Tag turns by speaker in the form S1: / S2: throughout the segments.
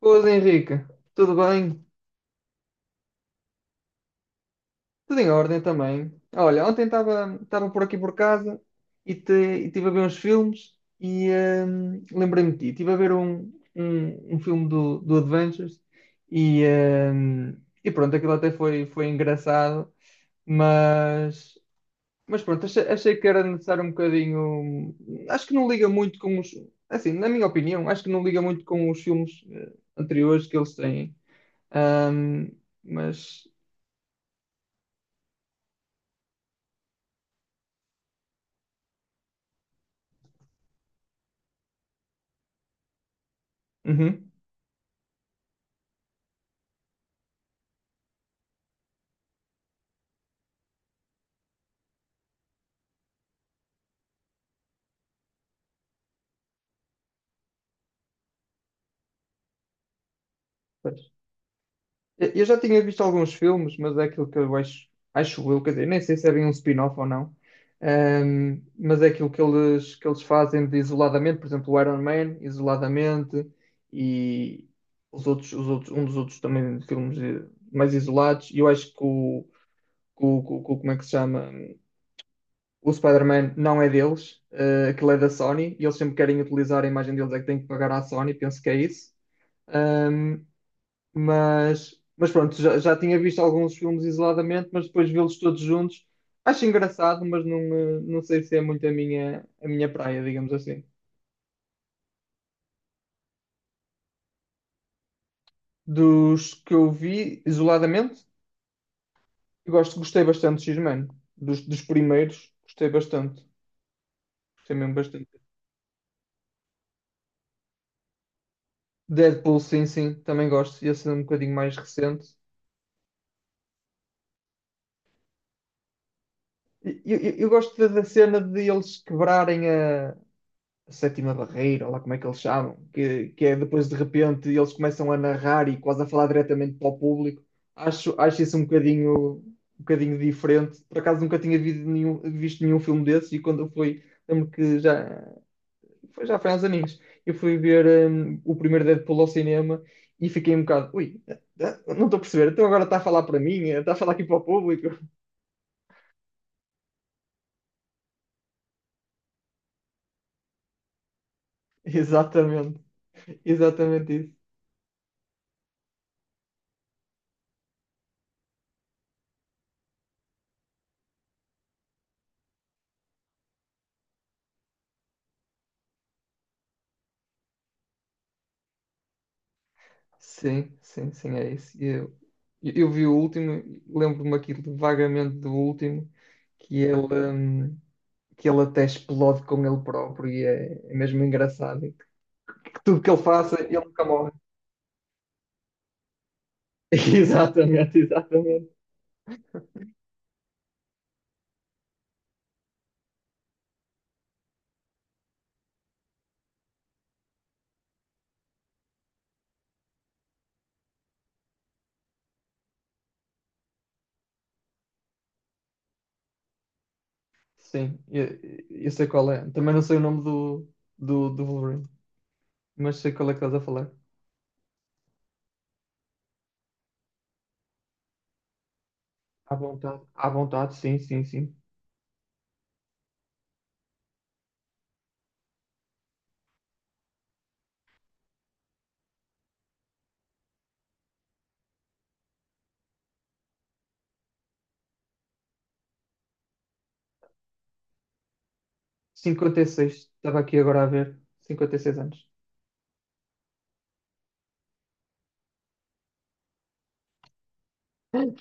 S1: Boas, Henrique. Tudo bem? Tudo em ordem também. Olha, ontem estava por aqui por casa e estive a ver uns filmes lembrei-me de ti. Estive a ver um filme do Adventures e, hum, e pronto, aquilo até foi engraçado, mas, mas pronto, achei que era necessário um bocadinho. Acho que não liga muito com os. Assim, na minha opinião, acho que não liga muito com os filmes anteriores que eles têm. Hum, mas Uhum, pois. Eu já tinha visto alguns filmes, mas é aquilo que eu acho, acho eu, quer dizer, nem sei se é bem um spin-off ou não. Mas é aquilo que eles fazem de isoladamente, por exemplo, o Iron Man, isoladamente, e os outros, um dos outros também de filmes mais isolados, e eu acho como é que se chama? O Spider-Man não é deles, aquilo é da Sony, e eles sempre querem utilizar a imagem deles, é que têm que pagar à Sony, penso que é isso. Mas pronto, já tinha visto alguns filmes isoladamente, mas depois vê-los todos juntos. Acho engraçado, mas não, não sei se é muito a minha praia, digamos assim. Dos que eu vi isoladamente, gostei bastante de X-Men. Dos primeiros, gostei bastante. Gostei mesmo bastante. Deadpool, sim, sim, também gosto. Esse é um bocadinho mais recente. Eu gosto da cena de eles quebrarem a sétima barreira, ou lá como é que eles chamam, que é depois de repente eles começam a narrar e quase a falar diretamente para o público. Acho isso um bocadinho diferente. Por acaso nunca tinha visto nenhum filme desses e quando eu fui, lembro que já foi há uns aninhos, eu fui ver o primeiro Deadpool ao cinema e fiquei um bocado, ui, não estou a perceber, então agora está a falar para mim, está a falar aqui para o público. Exatamente, exatamente isso. Sim, sim, sim, é isso. E eu vi o último, lembro-me aqui vagamente do último, que ele, hum, que ele até explode com ele próprio e é mesmo engraçado. E que tudo que ele faça, ele nunca morre. Exatamente, exatamente. Sim, eu sei qual é. Também não sei o nome do Wolverine, mas sei qual é que estás a falar. À vontade, sim, sim, sim. 56 estava aqui agora a ver, 56 anos.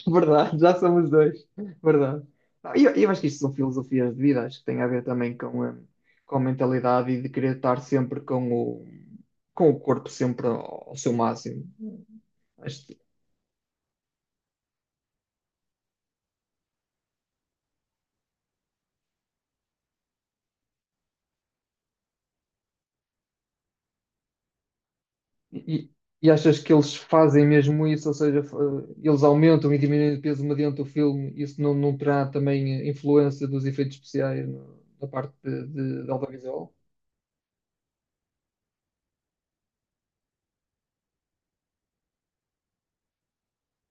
S1: Verdade, já somos dois. Verdade. Ah, eu acho que isto são filosofias de vida, acho que tem a ver também com a mentalidade e de querer estar sempre com o corpo sempre ao seu máximo. Acho que- e, e achas que eles fazem mesmo isso, ou seja, eles aumentam e diminuem o peso mediante o filme, isso não terá também influência dos efeitos especiais na parte de audiovisual?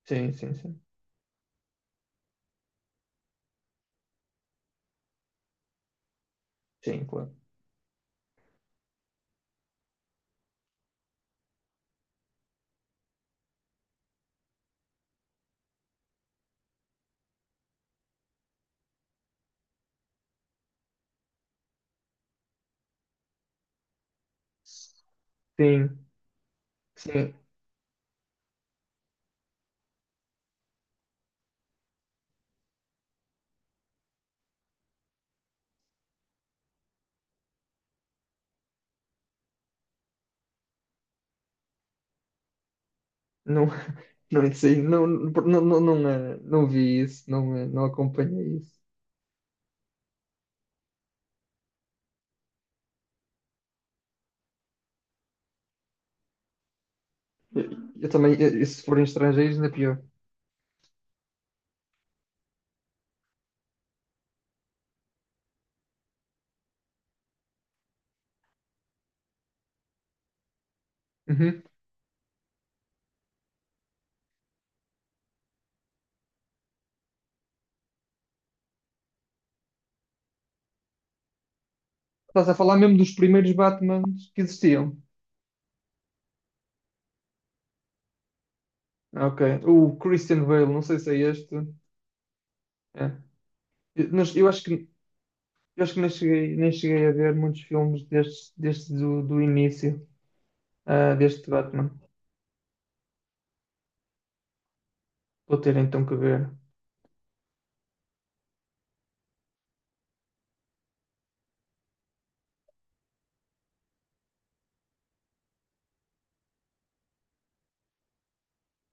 S1: Sim, sim, sim. Sim, claro. Sim, sim. Não, não sei, não, não, não, não, não vi isso, não, não acompanhei isso. Eu, eu também, e se forem estrangeiros, ainda pior. Uhum. Estás a falar mesmo dos primeiros Batmans que existiam. Ah, ok. O Christian Bale, não sei se é este. É. Mas eu acho que nem cheguei, nem cheguei a ver muitos filmes destes, destes do início, deste Batman. Vou ter então que ver.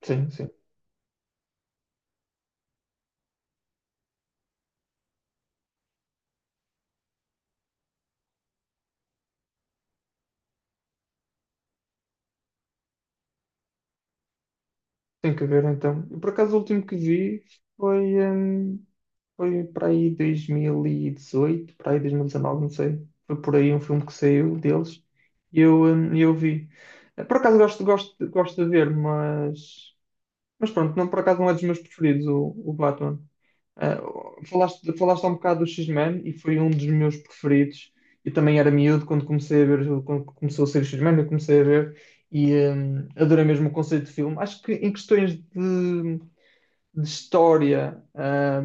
S1: Sim, sim. Tem que ver então. Eu, por acaso, o último que vi foi, hum, foi para aí 2018, para aí 2019, não sei. Foi por aí um filme que saiu deles e eu vi. Por acaso gosto de ver, mas pronto, não, por acaso não é dos meus preferidos o Batman. Ah, falaste há um bocado do X-Men e foi um dos meus preferidos. Eu também era miúdo quando comecei a ver, quando começou a ser o X-Men, eu comecei a ver adorei mesmo o conceito de filme. Acho que em questões de história,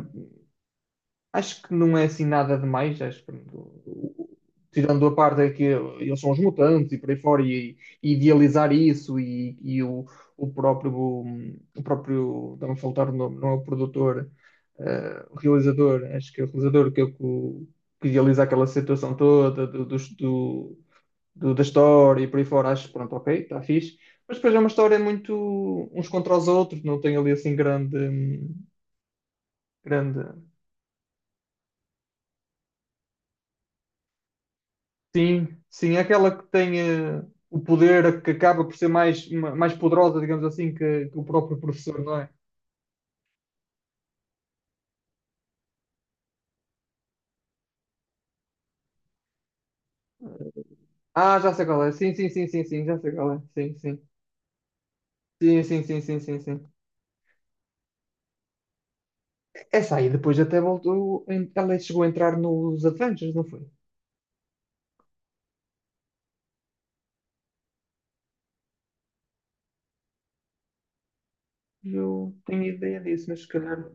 S1: acho que não é assim nada demais, acho que tirando a parte é que eles são os mutantes e por aí fora, e idealizar isso, e o próprio, estava a faltar o nome, não é o produtor, o realizador, acho que é o realizador que, é o- que idealiza aquela situação toda do, dos- do- do- da história e por aí fora, acho que pronto, ok, está fixe. Mas depois é uma história muito uns contra os outros, não tem ali assim grande. Sim, sim, é aquela que tem o poder que acaba por ser mais poderosa, digamos assim, que o próprio professor, não é? Ah, já sei qual é. Sim, sim, sim, sim, sim, já sei qual é. Sim, sim. Sim, sim, sim, sim, sim, sim. Essa aí depois até voltou. Ela chegou a entrar nos Avengers, não foi? Eu tenho ideia disso, mas se calhar.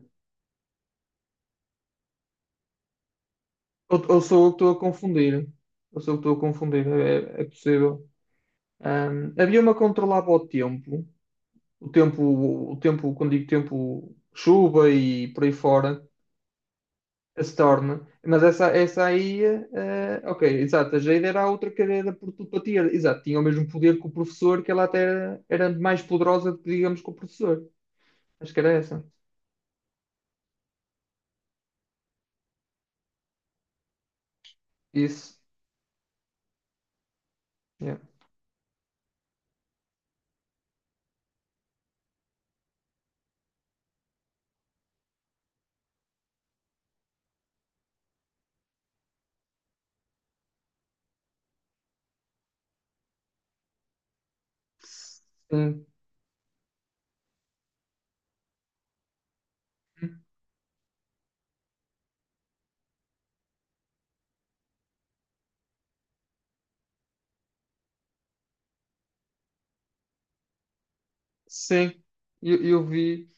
S1: Ou sou eu que estou a confundir. Ou sou eu que estou a confundir, é, é possível. Havia uma que controlava o tempo. O tempo, o tempo, quando digo tempo, chuva e por aí fora se torna, mas essa aí, ok, exato, a Jade era a outra cadeira por telepatia, exato, tinha o mesmo poder que o professor, que ela até era mais poderosa, digamos, que o professor, acho que era essa, isso, yeah. Sim, sim, eu, eu vi,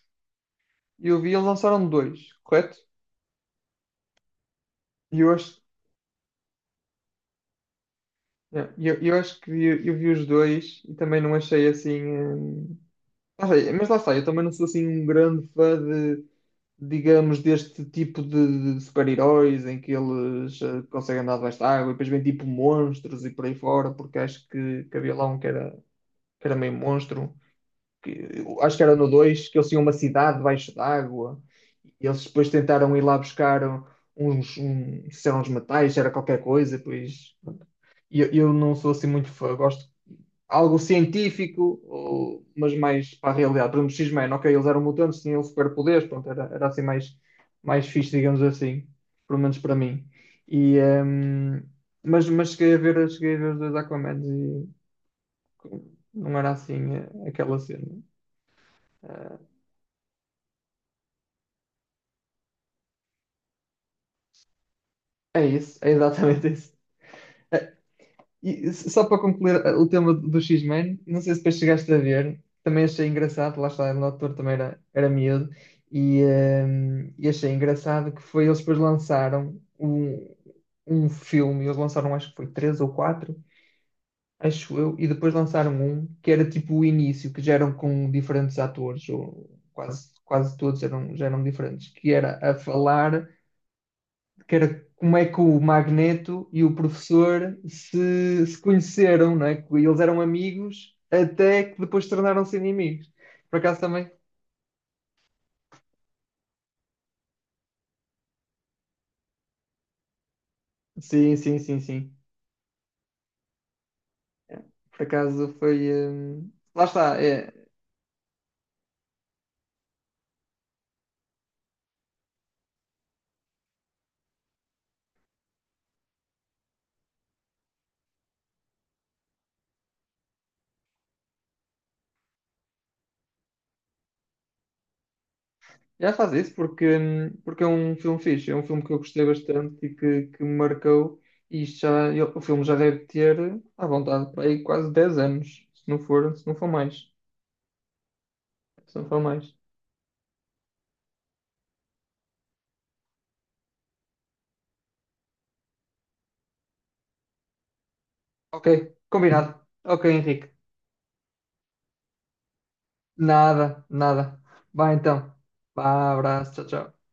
S1: eu vi, eles lançaram dois, correto? E eu acho que vi os dois e também não achei assim, não sei, mas lá está, eu também não sou assim um grande fã de digamos, deste tipo de super-heróis em que eles conseguem andar debaixo da água e depois vem tipo monstros e por aí fora, porque acho que havia lá um que era meio monstro, que, eu acho que era no 2 que eles tinham uma cidade debaixo d'água e eles depois tentaram ir lá buscar se eram uns metais, se era qualquer coisa, e depois. E eu não sou assim muito fã, gosto algo científico, mas mais para a realidade. Por exemplo, X-Men, ok, eles eram mutantes, tinham superpoderes, pronto, era assim mais fixe, digamos assim, pelo menos para mim. E, mas cheguei a ver os dois Aquamans e não era assim aquela cena. É isso, é exatamente isso. E só para concluir o tema do X-Men, não sei se depois chegaste a ver, também achei engraçado, lá está, o autor também era miúdo, e achei engraçado que foi, eles depois lançaram um filme, eles lançaram acho que foi três ou quatro, acho eu, e depois lançaram um que era tipo o início, que já eram com diferentes atores, ou quase, quase todos eram, já eram diferentes, que era a falar que era como é que o Magneto e o professor se conheceram, não é? Que eles eram amigos até que depois tornaram-se inimigos. Por acaso também? Sim, sim, sim, sim. Por acaso foi. Lá está, já faz isso porque é um filme fixe, é um filme que, eu gostei bastante e que me marcou. E isto já, o filme já deve ter, à vontade, para aí quase 10 anos, se não for mais. Se não for mais. Ok, combinado. Ok, Henrique. Nada, nada. Vai então. Vá, abraço, tchau, tchau.